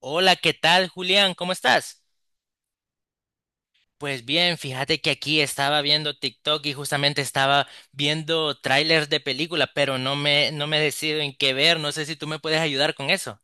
Hola, ¿qué tal, Julián? ¿Cómo estás? Pues bien, fíjate que aquí estaba viendo TikTok y justamente estaba viendo trailers de película, pero no me decido en qué ver. No sé si tú me puedes ayudar con eso.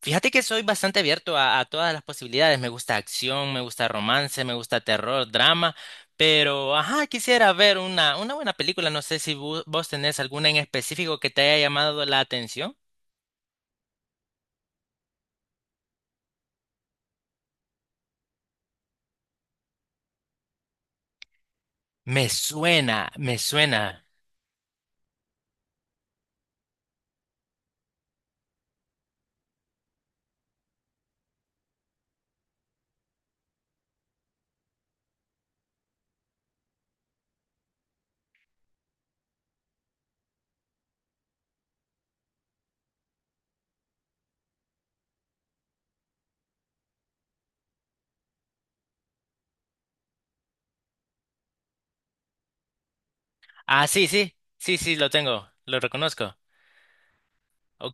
Fíjate que soy bastante abierto a todas las posibilidades. Me gusta acción, me gusta romance, me gusta terror, drama, pero ajá, quisiera ver una buena película. No sé si vos tenés alguna en específico que te haya llamado la atención. Me suena, me suena. Ah, sí, sí, sí, sí, lo tengo, lo reconozco. O-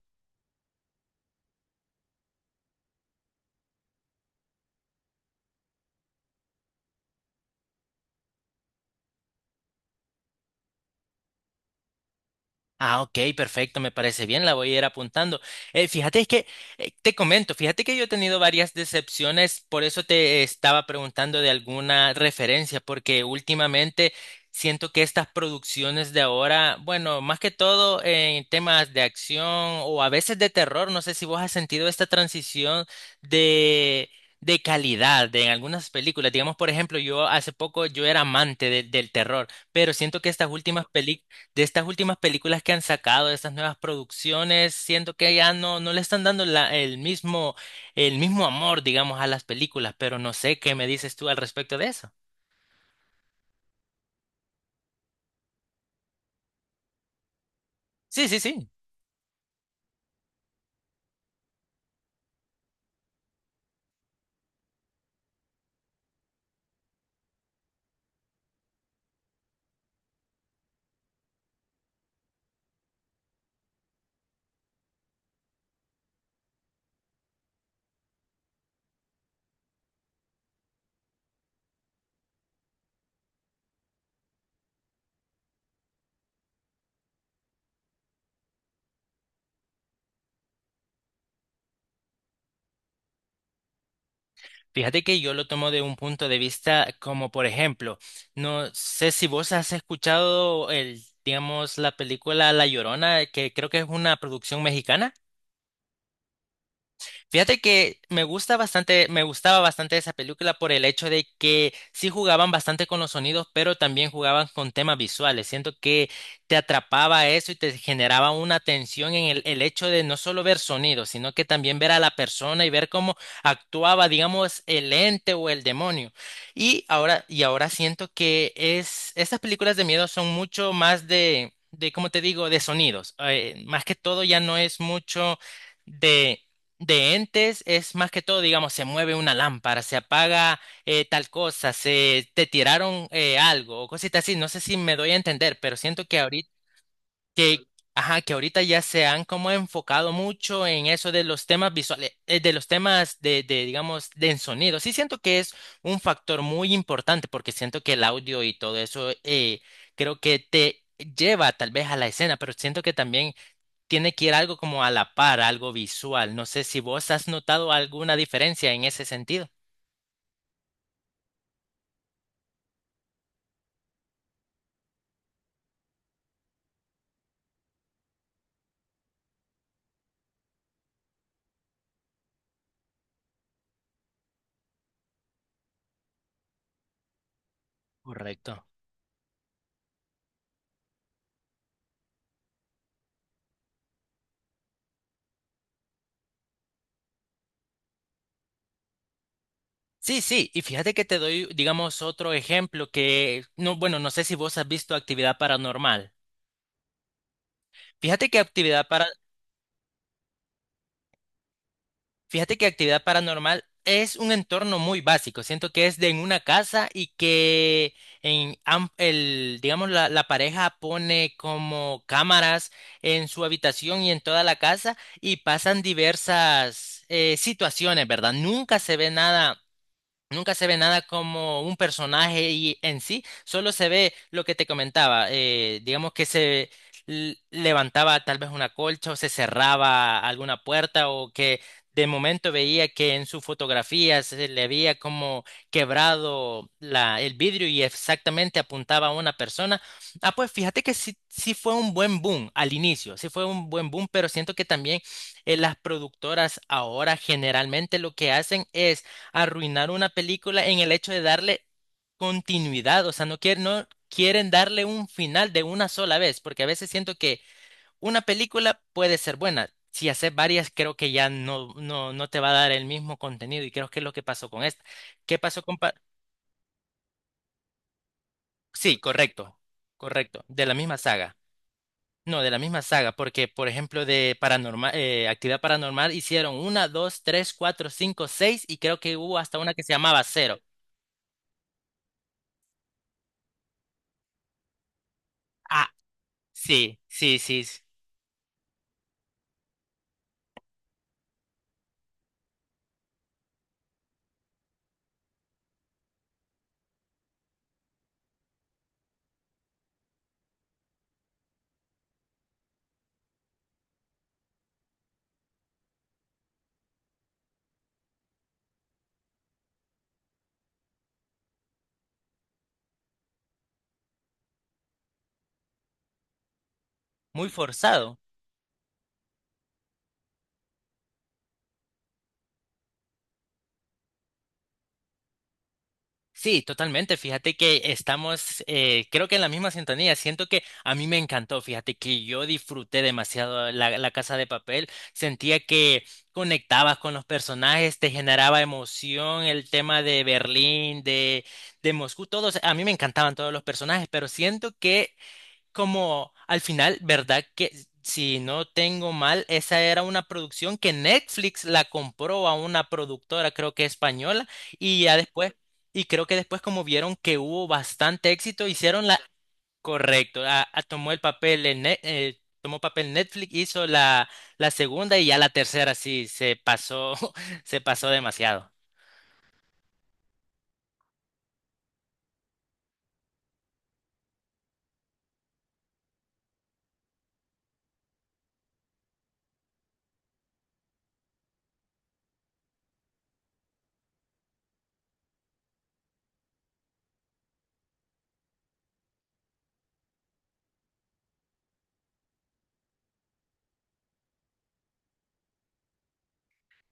Ah, ok, perfecto, me parece bien, la voy a ir apuntando. Fíjate que, te comento, fíjate que yo he tenido varias decepciones, por eso te estaba preguntando de alguna referencia, porque últimamente siento que estas producciones de ahora, bueno, más que todo en temas de acción o a veces de terror, no sé si vos has sentido esta transición de... de calidad de en algunas películas. Digamos, por ejemplo, yo hace poco yo era amante del terror, pero siento que estas últimas películas de estas últimas películas que han sacado, de estas nuevas producciones, siento que ya no, no le están dando el mismo amor, digamos, a las películas, pero no sé qué me dices tú al respecto de eso. Sí, sí, sí. Fíjate que yo lo tomo de un punto de vista como, por ejemplo, no sé si vos has escuchado el, digamos, la película La Llorona, que creo que es una producción mexicana. Fíjate que me gusta bastante, me gustaba bastante esa película por el hecho de que sí jugaban bastante con los sonidos, pero también jugaban con temas visuales. Siento que te atrapaba eso y te generaba una tensión en el hecho de no solo ver sonidos, sino que también ver a la persona y ver cómo actuaba, digamos, el ente o el demonio. Y ahora siento que es, estas películas de miedo son mucho más de, ¿cómo te digo?, de sonidos. Más que todo ya no es mucho de de entes, es más que todo, digamos, se mueve una lámpara, se apaga tal cosa, se te tiraron algo o cositas así. No sé si me doy a entender, pero siento que ahorita, que, ajá, que ahorita ya se han como enfocado mucho en eso de los temas visuales, de los temas de, digamos, de en sonido. Sí siento que es un factor muy importante porque siento que el audio y todo eso creo que te lleva tal vez a la escena, pero siento que también tiene que ir algo como a la par, algo visual. No sé si vos has notado alguna diferencia en ese sentido. Correcto. Sí, sí, y fíjate que te doy, digamos, otro ejemplo que, no, bueno, no sé si vos has visto actividad paranormal. Fíjate que actividad para, Fíjate que actividad paranormal es un entorno muy básico. Siento que es de en una casa y que el, digamos, la pareja pone como cámaras en su habitación y en toda la casa y pasan diversas situaciones, ¿verdad? Nunca se ve nada. Nunca se ve nada como un personaje y en sí, solo se ve lo que te comentaba. Digamos que se levantaba tal vez una colcha o se cerraba alguna puerta o que de momento veía que en su fotografía se le había como quebrado la, el vidrio y exactamente apuntaba a una persona. Ah, pues fíjate que sí, sí fue un buen boom al inicio, sí fue un buen boom, pero siento que también las productoras ahora generalmente lo que hacen es arruinar una película en el hecho de darle continuidad, o sea, no quieren darle un final de una sola vez, porque a veces siento que una película puede ser buena. Si haces varias, creo que ya no, no, no te va a dar el mismo contenido y creo que es lo que pasó con esta. ¿Qué pasó con... Pa- Sí, correcto, correcto, de la misma saga. No, de la misma saga, porque por ejemplo de paranormal, actividad paranormal hicieron una, dos, tres, cuatro, cinco, seis y creo que hubo hasta una que se llamaba cero. Ah, sí, sí, sí, muy forzado. Sí, totalmente. Fíjate que estamos, creo que en la misma sintonía. Siento que a mí me encantó. Fíjate que yo disfruté demasiado la Casa de Papel. Sentía que conectabas con los personajes, te generaba emoción el tema de Berlín, de Moscú, todos. A mí me encantaban todos los personajes, pero siento que como al final, ¿verdad? Que si no tengo mal, esa era una producción que Netflix la compró a una productora, creo que española, y ya después, y creo que después como vieron que hubo bastante éxito, hicieron la, correcto, tomó el papel en tomó papel Netflix, hizo la, la segunda y ya la tercera sí se pasó, se pasó demasiado.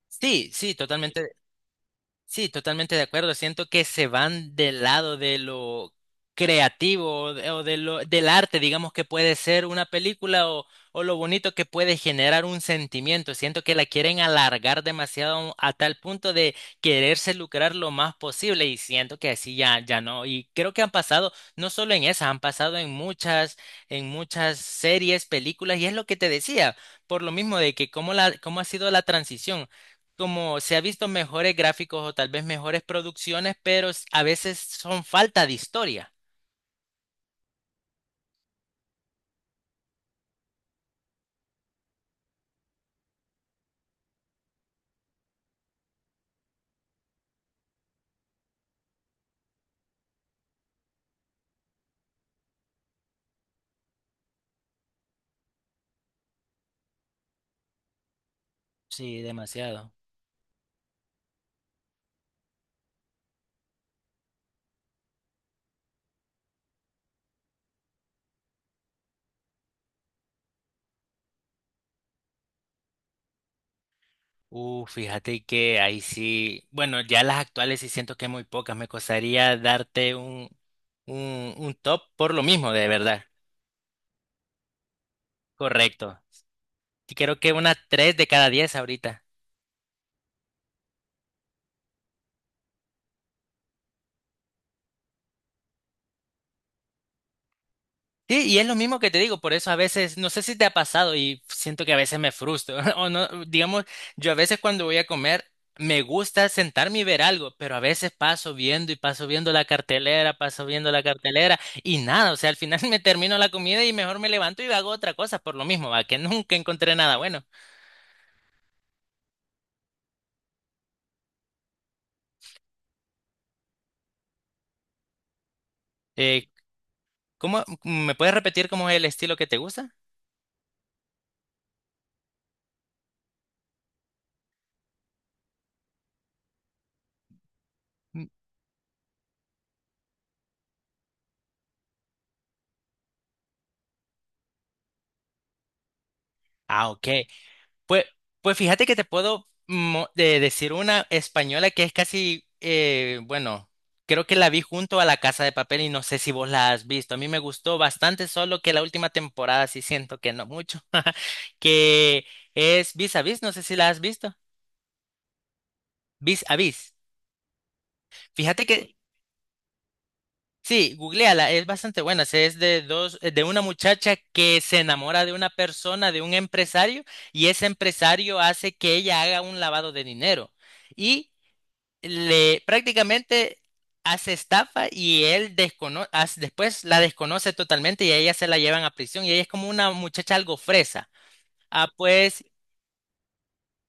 Sí, sí, totalmente. Sí, totalmente de acuerdo. Siento que se van del lado de lo creativo o de lo, del arte, digamos que puede ser una película o lo bonito que puede generar un sentimiento. Siento que la quieren alargar demasiado a tal punto de quererse lucrar lo más posible y siento que así ya, ya no. Y creo que han pasado, no solo en esa, han pasado en muchas series, películas y es lo que te decía, por lo mismo de que cómo la, cómo ha sido la transición como se ha visto mejores gráficos o tal vez mejores producciones, pero a veces son falta de historia. Sí, demasiado. Fíjate que ahí sí, bueno, ya las actuales sí siento que muy pocas, me costaría darte un top por lo mismo, de verdad. Correcto. Y creo que una 3 de cada 10 ahorita. Sí, y es lo mismo que te digo, por eso a veces, no sé si te ha pasado y siento que a veces me frustro, o no, digamos, yo a veces cuando voy a comer me gusta sentarme y ver algo, pero a veces paso viendo y paso viendo la cartelera, paso viendo la cartelera y nada, o sea, al final me termino la comida y mejor me levanto y hago otra cosa por lo mismo, va, que nunca encontré nada bueno. Eh, ¿Cómo, me puedes repetir cómo es el estilo que te gusta? Mm, ah, ok. Pues, pues fíjate que te puedo decir una española que es casi, bueno, creo que la vi junto a La Casa de Papel y no sé si vos la has visto. A mí me gustó bastante, solo que la última temporada sí siento que no mucho, que es Vis a Vis, no sé si la has visto. Vis a Vis. Fíjate que, sí, googleala, es bastante buena. Es de dos, de una muchacha que se enamora de una persona, de un empresario, y ese empresario hace que ella haga un lavado de dinero. Y le prácticamente hace estafa y él después la desconoce totalmente y a ella se la llevan a prisión y ella es como una muchacha algo fresa. Ah, pues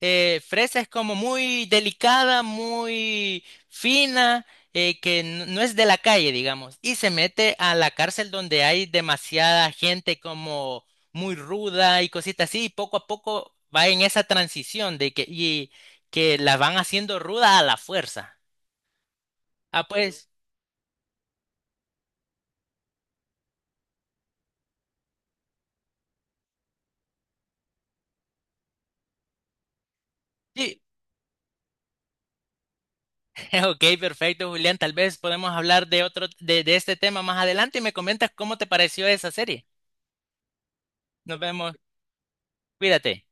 fresa es como muy delicada, muy fina, que no es de la calle, digamos, y se mete a la cárcel donde hay demasiada gente como muy ruda y cositas así, y poco a poco va en esa transición de que, y, que la van haciendo ruda a la fuerza. Ah, pues... Sí, ok, perfecto, Julián. Tal vez podemos hablar de otro, de este tema más adelante y me comentas cómo te pareció esa serie. Nos vemos, cuídate.